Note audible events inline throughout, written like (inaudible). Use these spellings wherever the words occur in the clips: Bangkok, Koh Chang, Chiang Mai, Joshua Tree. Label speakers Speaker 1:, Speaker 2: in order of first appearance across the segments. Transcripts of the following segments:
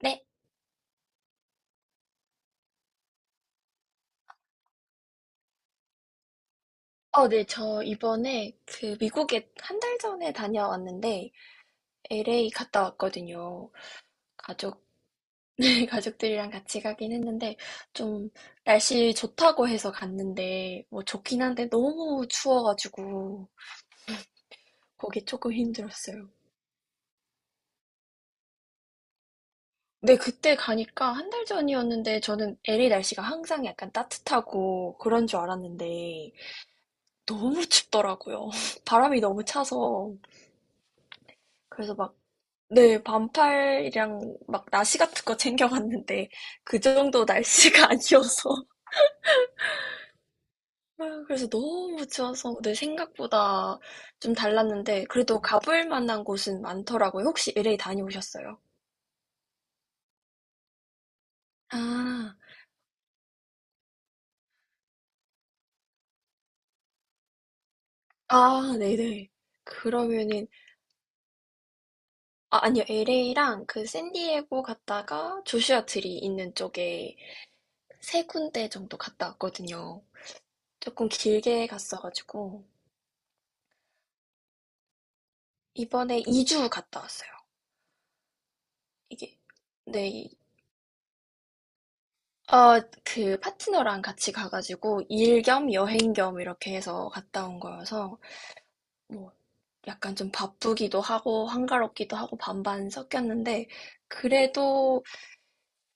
Speaker 1: 네. 어, 네. 저 이번에 그 미국에 한 달 전에 다녀왔는데 LA 갔다 왔거든요. 가족, (laughs) 네, 가족들이랑 같이 가긴 했는데 좀 날씨 좋다고 해서 갔는데 뭐 좋긴 한데 너무 추워가지고 거기 조금 힘들었어요. 네, 그때 가니까 한 달 전이었는데 저는 LA 날씨가 항상 약간 따뜻하고 그런 줄 알았는데 너무 춥더라고요. (laughs) 바람이 너무 차서 그래서 막 네, 반팔이랑 막 나시 같은 거 챙겨갔는데 그 정도 날씨가 아니어서 (laughs) 아, 그래서 너무 추워서 내 생각보다 좀 달랐는데 그래도 가볼 만한 곳은 많더라고요. 혹시 LA 다녀오셨어요? 아, 아, 네네. 그러면은 아, 아니요. LA랑 그 샌디에고 갔다가 조슈아 트리 있는 쪽에 세 군데 정도 갔다 왔거든요. 조금 길게 갔어가지고 이번에 이주 갔다 왔어요. 이게 네, 어, 그 파트너랑 같이 가가지고 일 겸 여행 겸 이렇게 해서 갔다 온 거여서 뭐 약간 좀 바쁘기도 하고 한가롭기도 하고 반반 섞였는데 그래도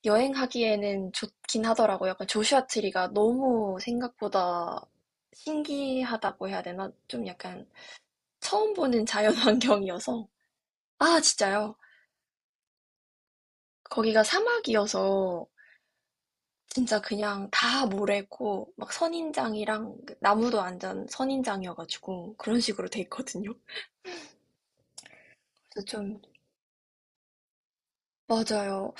Speaker 1: 여행하기에는 좋긴 하더라고요. 약간 조슈아 트리가 너무 생각보다 신기하다고 해야 되나? 좀 약간 처음 보는 자연 (laughs) 환경이어서 아, 진짜요? 거기가 사막이어서 진짜 그냥 다 모래고 막 선인장이랑 그 나무도 완전 선인장이어가지고 그런 식으로 돼 있거든요. 그래서 좀 맞아요.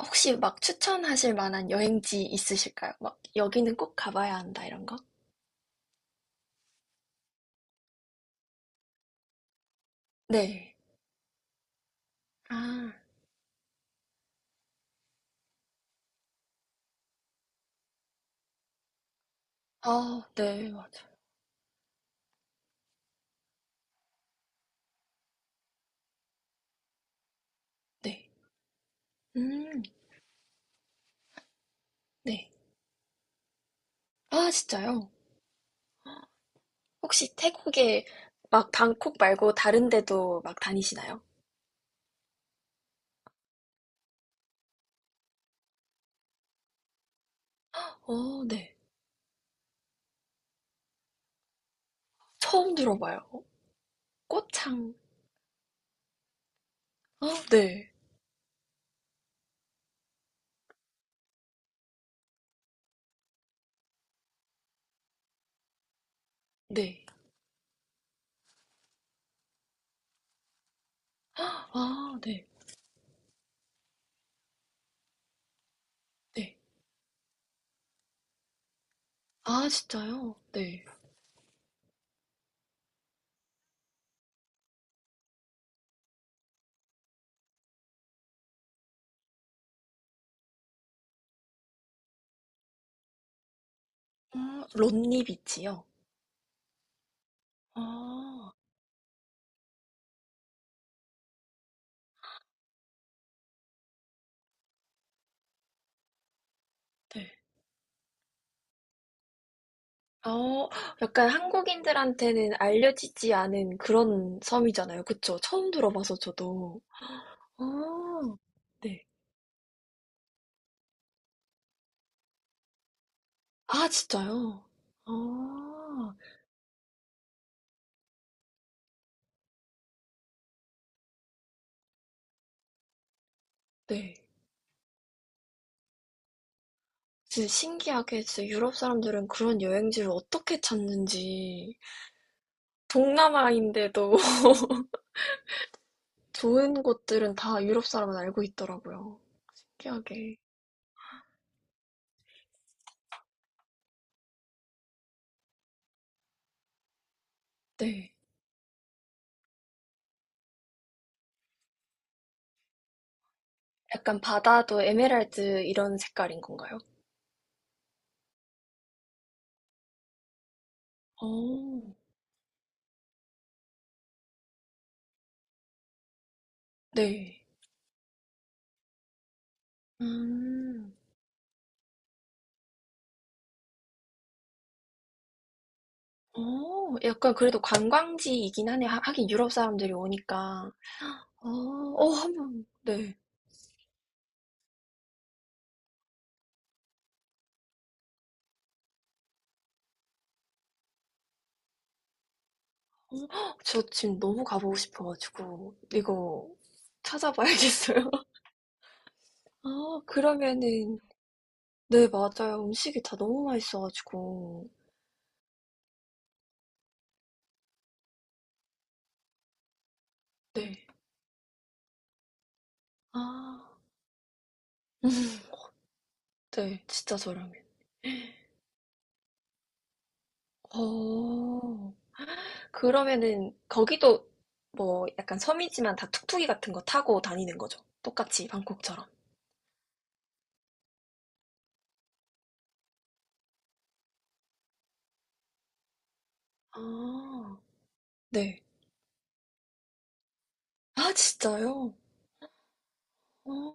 Speaker 1: 혹시 막 추천하실 만한 여행지 있으실까요? 막 여기는 꼭 가봐야 한다 이런 거? 네. 아, 아, 네, 맞아요. 네. 음, 네. 아, 진짜요? 혹시 태국에 막 방콕 말고 다른 데도 막 다니시나요? 어, 네. 처음 들어봐요. 꽃창. 아, 네. 네. 아 네. 네. 아 진짜요? 네. 아론 비치요? 아 네. 어 약간 한국인들한테는 알려지지 않은 그런 섬이잖아요. 그쵸? 처음 들어봐서 저도. 아 네. 아 진짜요? 아 네. 진짜 신기하게 진짜 유럽 사람들은 그런 여행지를 어떻게 찾는지 동남아인데도 (laughs) 좋은 곳들은 다 유럽 사람은 알고 있더라고요. 신기하게. 네. 약간 바다도 에메랄드 이런 색깔인 건가요? 어. 네. 음. 어. 약간 그래도 관광지이긴 하네 하 하긴 유럽 사람들이 오니까. 어. 어 한번 네. 저 지금 너무 가 보고 싶어 가지고 이거 찾아봐야겠어요. (laughs) 아 그러면은 네 맞아요. 음식이 다 너무 맛있어 가지고. 네. 아. (laughs) 네. 진짜 저라면. 어. 그러면은 거기도 뭐 약간 섬이지만 다 툭툭이 같은 거 타고 다니는 거죠. 똑같이 방콕처럼. 아, 네. 아, 진짜요? 어,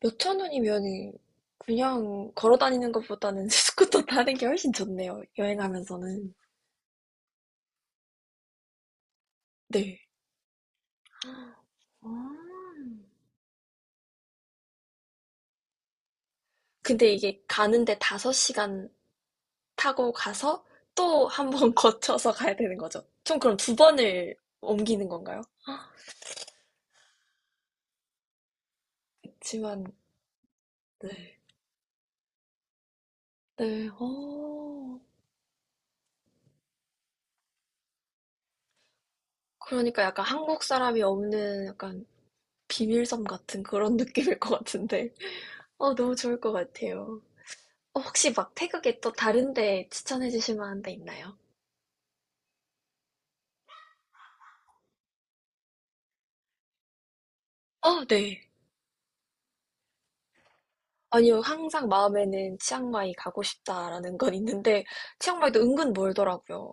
Speaker 1: 몇천 원이면은 그냥 걸어 다니는 것보다는 (laughs) 스쿠터 타는 게 훨씬 좋네요. 여행하면서는. 네. 아. 근데 이게 가는데 5시간 타고 가서 또 한 번 (laughs) 거쳐서 가야 되는 거죠. 총 그럼 두 번을 옮기는 건가요? 그렇지만, 네. 네. 어. 그러니까 약간 한국 사람이 없는 약간 비밀섬 같은 그런 (laughs) 느낌일 것 같은데. 어, 너무 좋을 것 같아요. 어, 혹시 막 태국에 또 다른 데 추천해 주실 만한 데 있나요? 어, 네. 아니요. 항상 마음에는 치앙마이 가고 싶다라는 건 있는데, 치앙마이도 은근 멀더라고요.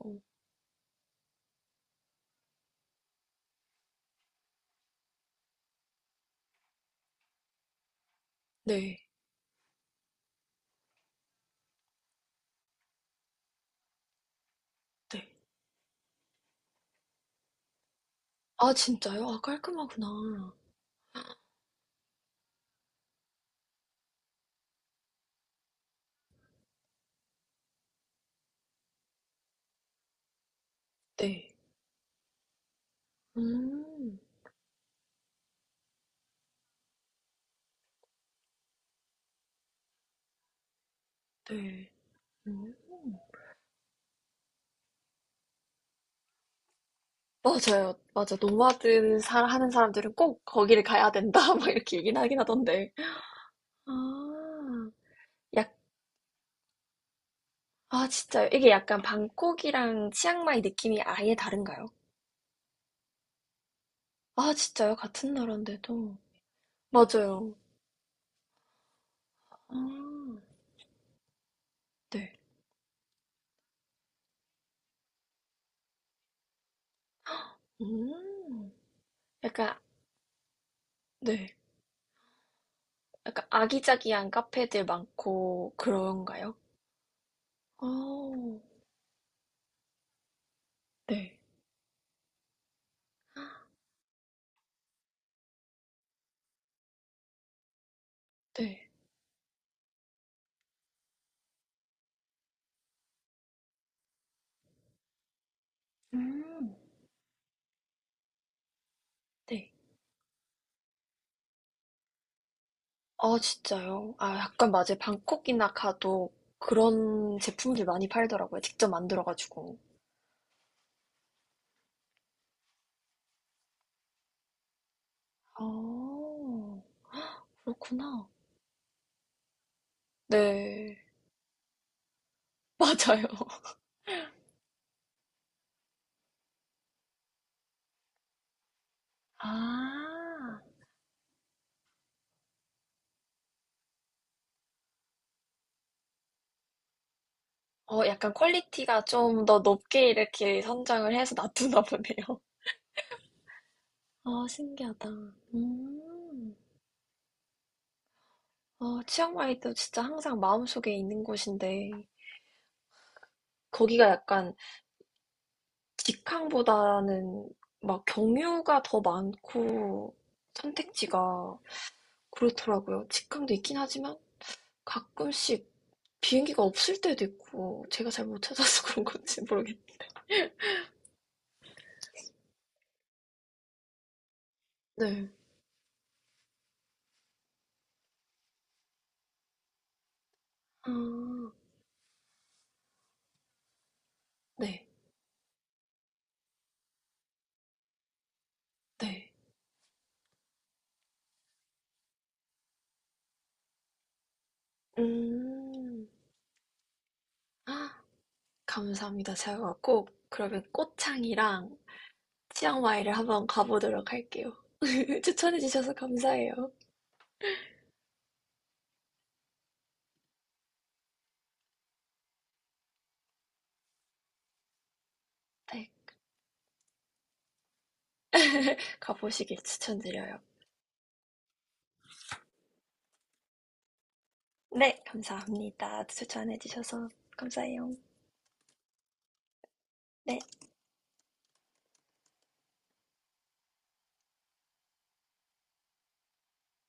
Speaker 1: 네. 네. 아, 진짜요? 아, 깔끔하구나. 네. 음. 네. 음. 맞아요. 맞아. 노마드 살 하는 사람들은 꼭 거기를 가야 된다. (laughs) 막 이렇게 얘기는 하긴 하던데. 아, 약, 아, 진짜요? 이게 약간 방콕이랑 치앙마이 느낌이 아예 다른가요? 아, 진짜요? 같은 나라인데도. 맞아요. 아, 네. 음, 약간, 네. 약간 아기자기한 카페들 많고 그런가요? 아, 네. 네. 음, 네. 아 진짜요? 아 약간 맞아요. 방콕이나 가도 그런 제품들 많이 팔더라고요. 직접 만들어 가지고. 아 그렇구나. 네. (laughs) 맞아요. 아. 어 약간 퀄리티가 좀 더 높게 이렇게 선정을 해서 놔두나 보네요. 아 신기하다. 음. 아 치앙마이도 진짜 항상 마음속에 있는 곳인데 거기가 약간 직항보다는 막 경유가 더 많고 선택지가 그렇더라고요. 직항도 있긴 하지만 가끔씩 비행기가 없을 때도 있고 제가 잘 못 찾아서 (laughs) 그런 건지 모르겠... 네. 아, 네, 네. 음, 아, 감사합니다. 제가 꼭 그러면 꼬창이랑 치앙마이를 한번 가보도록 할게요. (laughs) 추천해주셔서 감사해요. 네, (laughs) 가보시길 추천드려요. 네, 감사합니다. 추천해주셔서 감사해요. 네.